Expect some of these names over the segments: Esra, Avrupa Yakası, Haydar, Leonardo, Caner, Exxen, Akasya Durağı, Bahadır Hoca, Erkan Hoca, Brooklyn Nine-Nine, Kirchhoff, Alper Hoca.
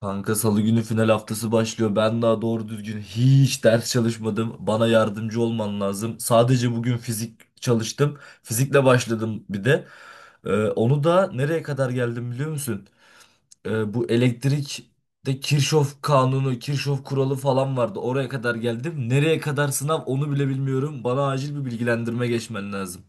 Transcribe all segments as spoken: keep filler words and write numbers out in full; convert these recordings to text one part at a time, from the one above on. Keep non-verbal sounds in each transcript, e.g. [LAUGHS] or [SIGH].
Kanka salı günü final haftası başlıyor. Ben daha doğru düzgün hiç ders çalışmadım. Bana yardımcı olman lazım. Sadece bugün fizik çalıştım. Fizikle başladım bir de. Ee, onu da nereye kadar geldim biliyor musun? Ee, bu elektrikte Kirchhoff kanunu, Kirchhoff kuralı falan vardı. Oraya kadar geldim. Nereye kadar sınav onu bile bilmiyorum. Bana acil bir bilgilendirme geçmen lazım.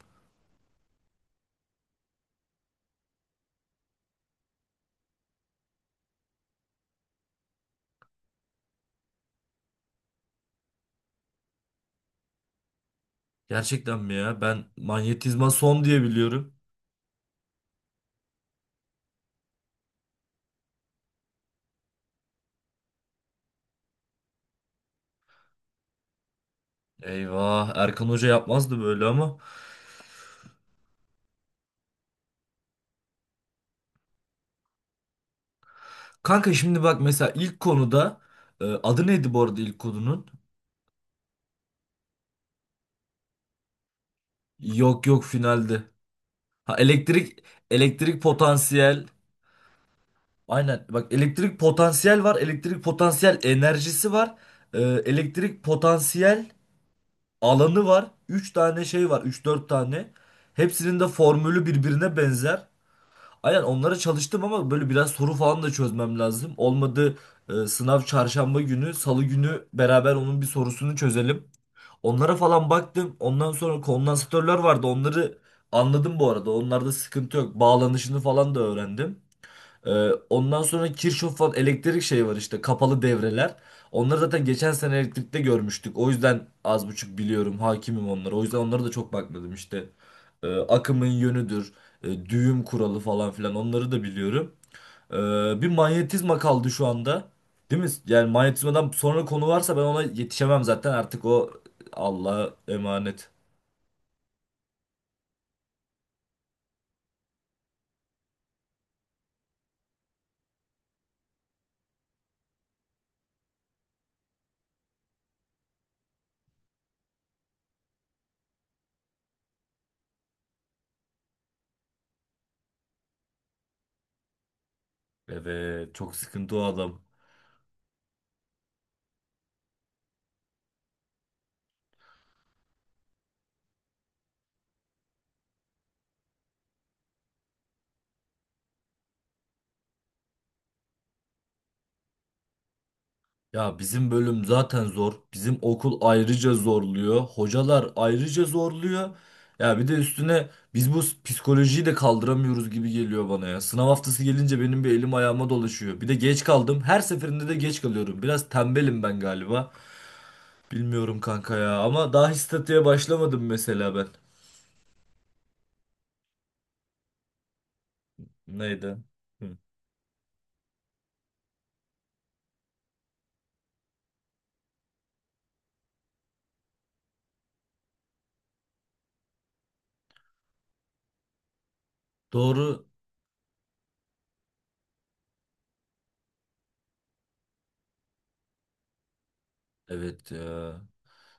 Gerçekten mi ya? Ben manyetizma son diye biliyorum. Eyvah, Erkan Hoca yapmazdı böyle ama. Kanka şimdi bak mesela ilk konuda, e, adı neydi bu arada ilk konunun? Yok yok, finaldi. Ha, elektrik elektrik potansiyel. Aynen bak, elektrik potansiyel var, elektrik potansiyel enerjisi var. E, elektrik potansiyel alanı var. Üç tane şey var, üç dört tane. Hepsinin de formülü birbirine benzer. Aynen onlara çalıştım ama böyle biraz soru falan da çözmem lazım. Olmadı e, Sınav çarşamba günü, salı günü beraber onun bir sorusunu çözelim. Onlara falan baktım. Ondan sonra kondansatörler vardı. Onları anladım bu arada. Onlarda sıkıntı yok. Bağlanışını falan da öğrendim. Ee, Ondan sonra Kirchhoff falan, elektrik şey var işte, kapalı devreler. Onları zaten geçen sene elektrikte görmüştük. O yüzden az buçuk biliyorum, hakimim onlara. O yüzden onlara da çok bakmadım işte. Ee, akımın yönüdür, e, düğüm kuralı falan filan, onları da biliyorum. Ee, bir manyetizma kaldı şu anda. Değil mi? Yani manyetizmadan sonra konu varsa ben ona yetişemem zaten. Artık o Allah'a emanet. Evet, çok sıkıntı o adam. Ya bizim bölüm zaten zor. Bizim okul ayrıca zorluyor. Hocalar ayrıca zorluyor. Ya bir de üstüne biz bu psikolojiyi de kaldıramıyoruz gibi geliyor bana ya. Sınav haftası gelince benim bir elim ayağıma dolaşıyor. Bir de geç kaldım. Her seferinde de geç kalıyorum. Biraz tembelim ben galiba. Bilmiyorum kanka ya, ama daha hiç statüye başlamadım mesela ben. Neydi? Hı. Doğru. Evet ya.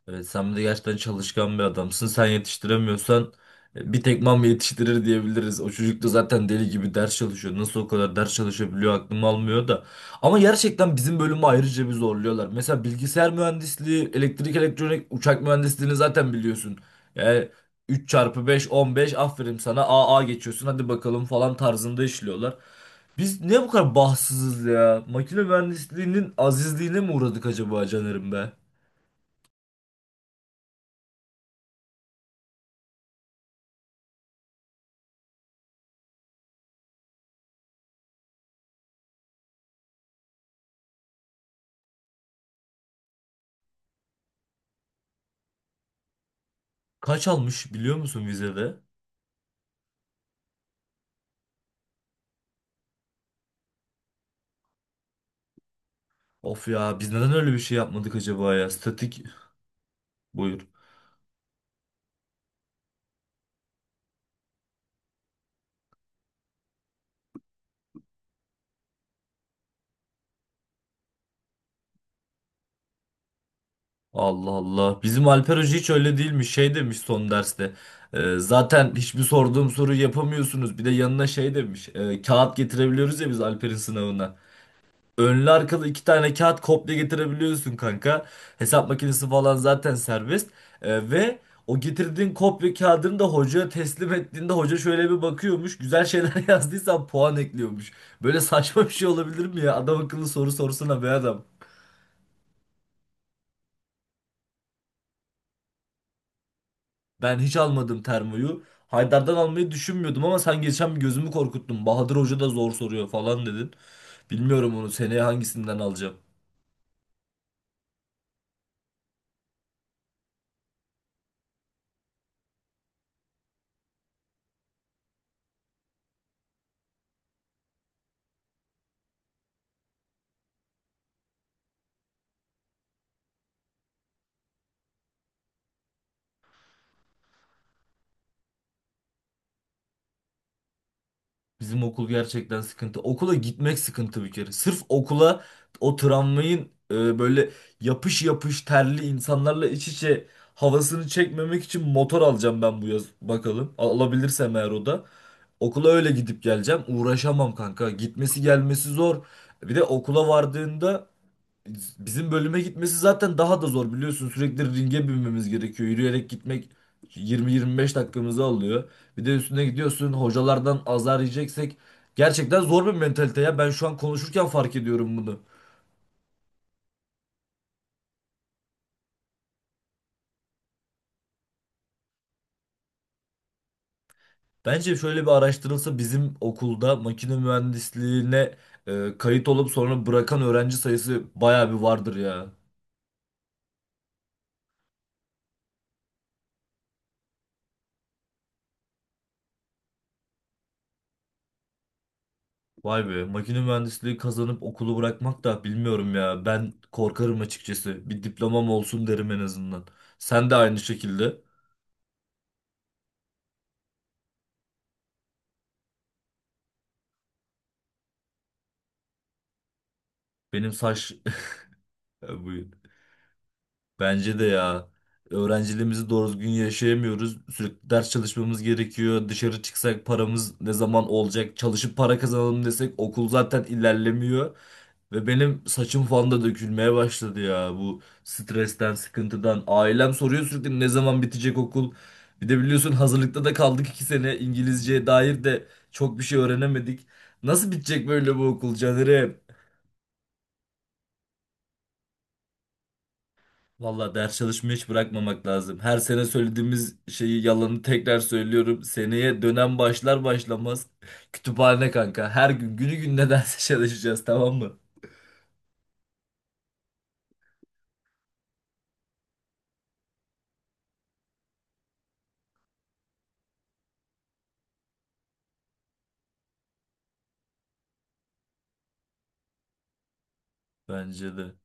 Evet, sen de gerçekten çalışkan bir adamsın. Sen yetiştiremiyorsan, e, bir tek mam yetiştirir diyebiliriz. O çocuk da zaten deli gibi ders çalışıyor. Nasıl o kadar ders çalışabiliyor aklım almıyor da. Ama gerçekten bizim bölümü ayrıca bir zorluyorlar. Mesela bilgisayar mühendisliği, elektrik, elektronik, uçak mühendisliğini zaten biliyorsun. Yani üç çarpı beş on beş, aferin sana, A A geçiyorsun, hadi bakalım falan tarzında işliyorlar. Biz niye bu kadar bahtsızız ya? Makine mühendisliğinin azizliğine mi uğradık acaba Caner'im be? Kaç almış biliyor musun vizede? Of ya, biz neden öyle bir şey yapmadık acaba ya? Statik, buyur. Allah Allah. Bizim Alper Hoca hiç öyle değilmiş. Şey demiş son derste. "Ee, zaten hiçbir sorduğum soruyu yapamıyorsunuz." Bir de yanına şey demiş. "Ee, kağıt getirebiliyoruz ya biz Alper'in sınavına. Önlü arkalı iki tane kağıt kopya getirebiliyorsun kanka. Hesap makinesi falan zaten serbest. Ee, ve o getirdiğin kopya kağıdını da hocaya teslim ettiğinde hoca şöyle bir bakıyormuş. Güzel şeyler [LAUGHS] yazdıysan puan ekliyormuş. Böyle saçma bir şey olabilir mi ya? Adam akıllı soru sorsana be adam. Ben hiç almadım termoyu. Haydar'dan almayı düşünmüyordum ama sen geçen bir gözümü korkuttun. Bahadır Hoca da zor soruyor falan dedin. Bilmiyorum onu seneye hangisinden alacağım. Bizim okul gerçekten sıkıntı. Okula gitmek sıkıntı bir kere. Sırf okula o tramvayın e, böyle yapış yapış terli insanlarla iç içe havasını çekmemek için motor alacağım ben bu yaz bakalım. Al- Alabilirsem eğer, o da. Okula öyle gidip geleceğim. Uğraşamam kanka. Gitmesi gelmesi zor. Bir de okula vardığında, bizim bölüme gitmesi zaten daha da zor biliyorsun. Sürekli ringe binmemiz gerekiyor. Yürüyerek gitmek yirmi yirmi beş dakikamızı alıyor. Bir de üstüne gidiyorsun, hocalardan azar yiyeceksek, gerçekten zor bir mentalite ya. Ben şu an konuşurken fark ediyorum bunu. Bence şöyle bir araştırılsa, bizim okulda makine mühendisliğine e, kayıt olup sonra bırakan öğrenci sayısı bayağı bir vardır ya. Vay be, makine mühendisliği kazanıp okulu bırakmak da, bilmiyorum ya. Ben korkarım açıkçası. Bir diplomam olsun derim en azından. Sen de aynı şekilde. Benim saç... [LAUGHS] Buyur. Bence de ya. Öğrenciliğimizi doğru düzgün yaşayamıyoruz. Sürekli ders çalışmamız gerekiyor. Dışarı çıksak paramız ne zaman olacak? Çalışıp para kazanalım desek okul zaten ilerlemiyor. Ve benim saçım falan da dökülmeye başladı ya. Bu stresten, sıkıntıdan. Ailem soruyor sürekli, ne zaman bitecek okul? Bir de biliyorsun hazırlıkta da kaldık iki sene. İngilizceye dair de çok bir şey öğrenemedik. Nasıl bitecek böyle bu okul Caner'e? Valla ders çalışmayı hiç bırakmamak lazım. Her sene söylediğimiz şeyi, yalanı tekrar söylüyorum. Seneye dönem başlar başlamaz kütüphane kanka. Her gün günü gününe ders [LAUGHS] çalışacağız, tamam mı? Bence de.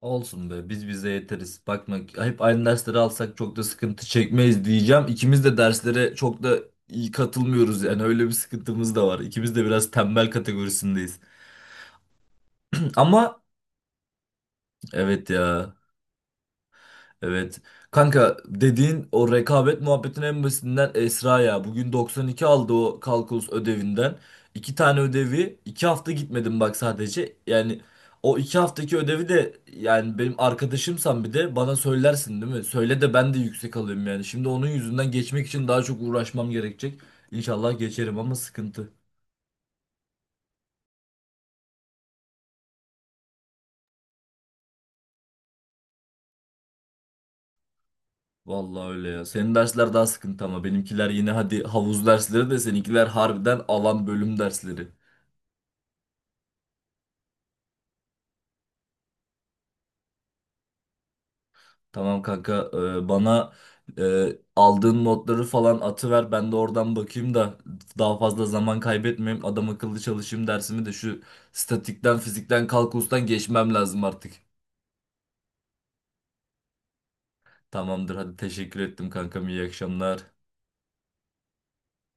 Olsun be, biz bize yeteriz. Bakma, hep aynı dersleri alsak çok da sıkıntı çekmeyiz diyeceğim. İkimiz de derslere çok da iyi katılmıyoruz, yani öyle bir sıkıntımız da var. İkimiz de biraz tembel kategorisindeyiz. Ama evet ya. Evet. Kanka dediğin o rekabet muhabbetin en basitinden Esra ya. Bugün doksan iki aldı o kalkulus ödevinden. İki tane ödevi. iki hafta gitmedim bak sadece. Yani o iki haftaki ödevi de, yani benim arkadaşımsan bir de bana söylersin değil mi? Söyle de ben de yüksek alayım yani. Şimdi onun yüzünden geçmek için daha çok uğraşmam gerekecek. İnşallah geçerim ama sıkıntı. Vallahi öyle ya. Senin dersler daha sıkıntı ama benimkiler yine hadi havuz dersleri, de seninkiler harbiden alan bölüm dersleri. Tamam kanka, e, bana e, aldığın modları falan atıver, ben de oradan bakayım da daha fazla zaman kaybetmeyeyim, adam akıllı çalışayım dersimi de. Şu statikten, fizikten, kalkulustan geçmem lazım artık. Tamamdır, hadi teşekkür ettim kankam, iyi akşamlar.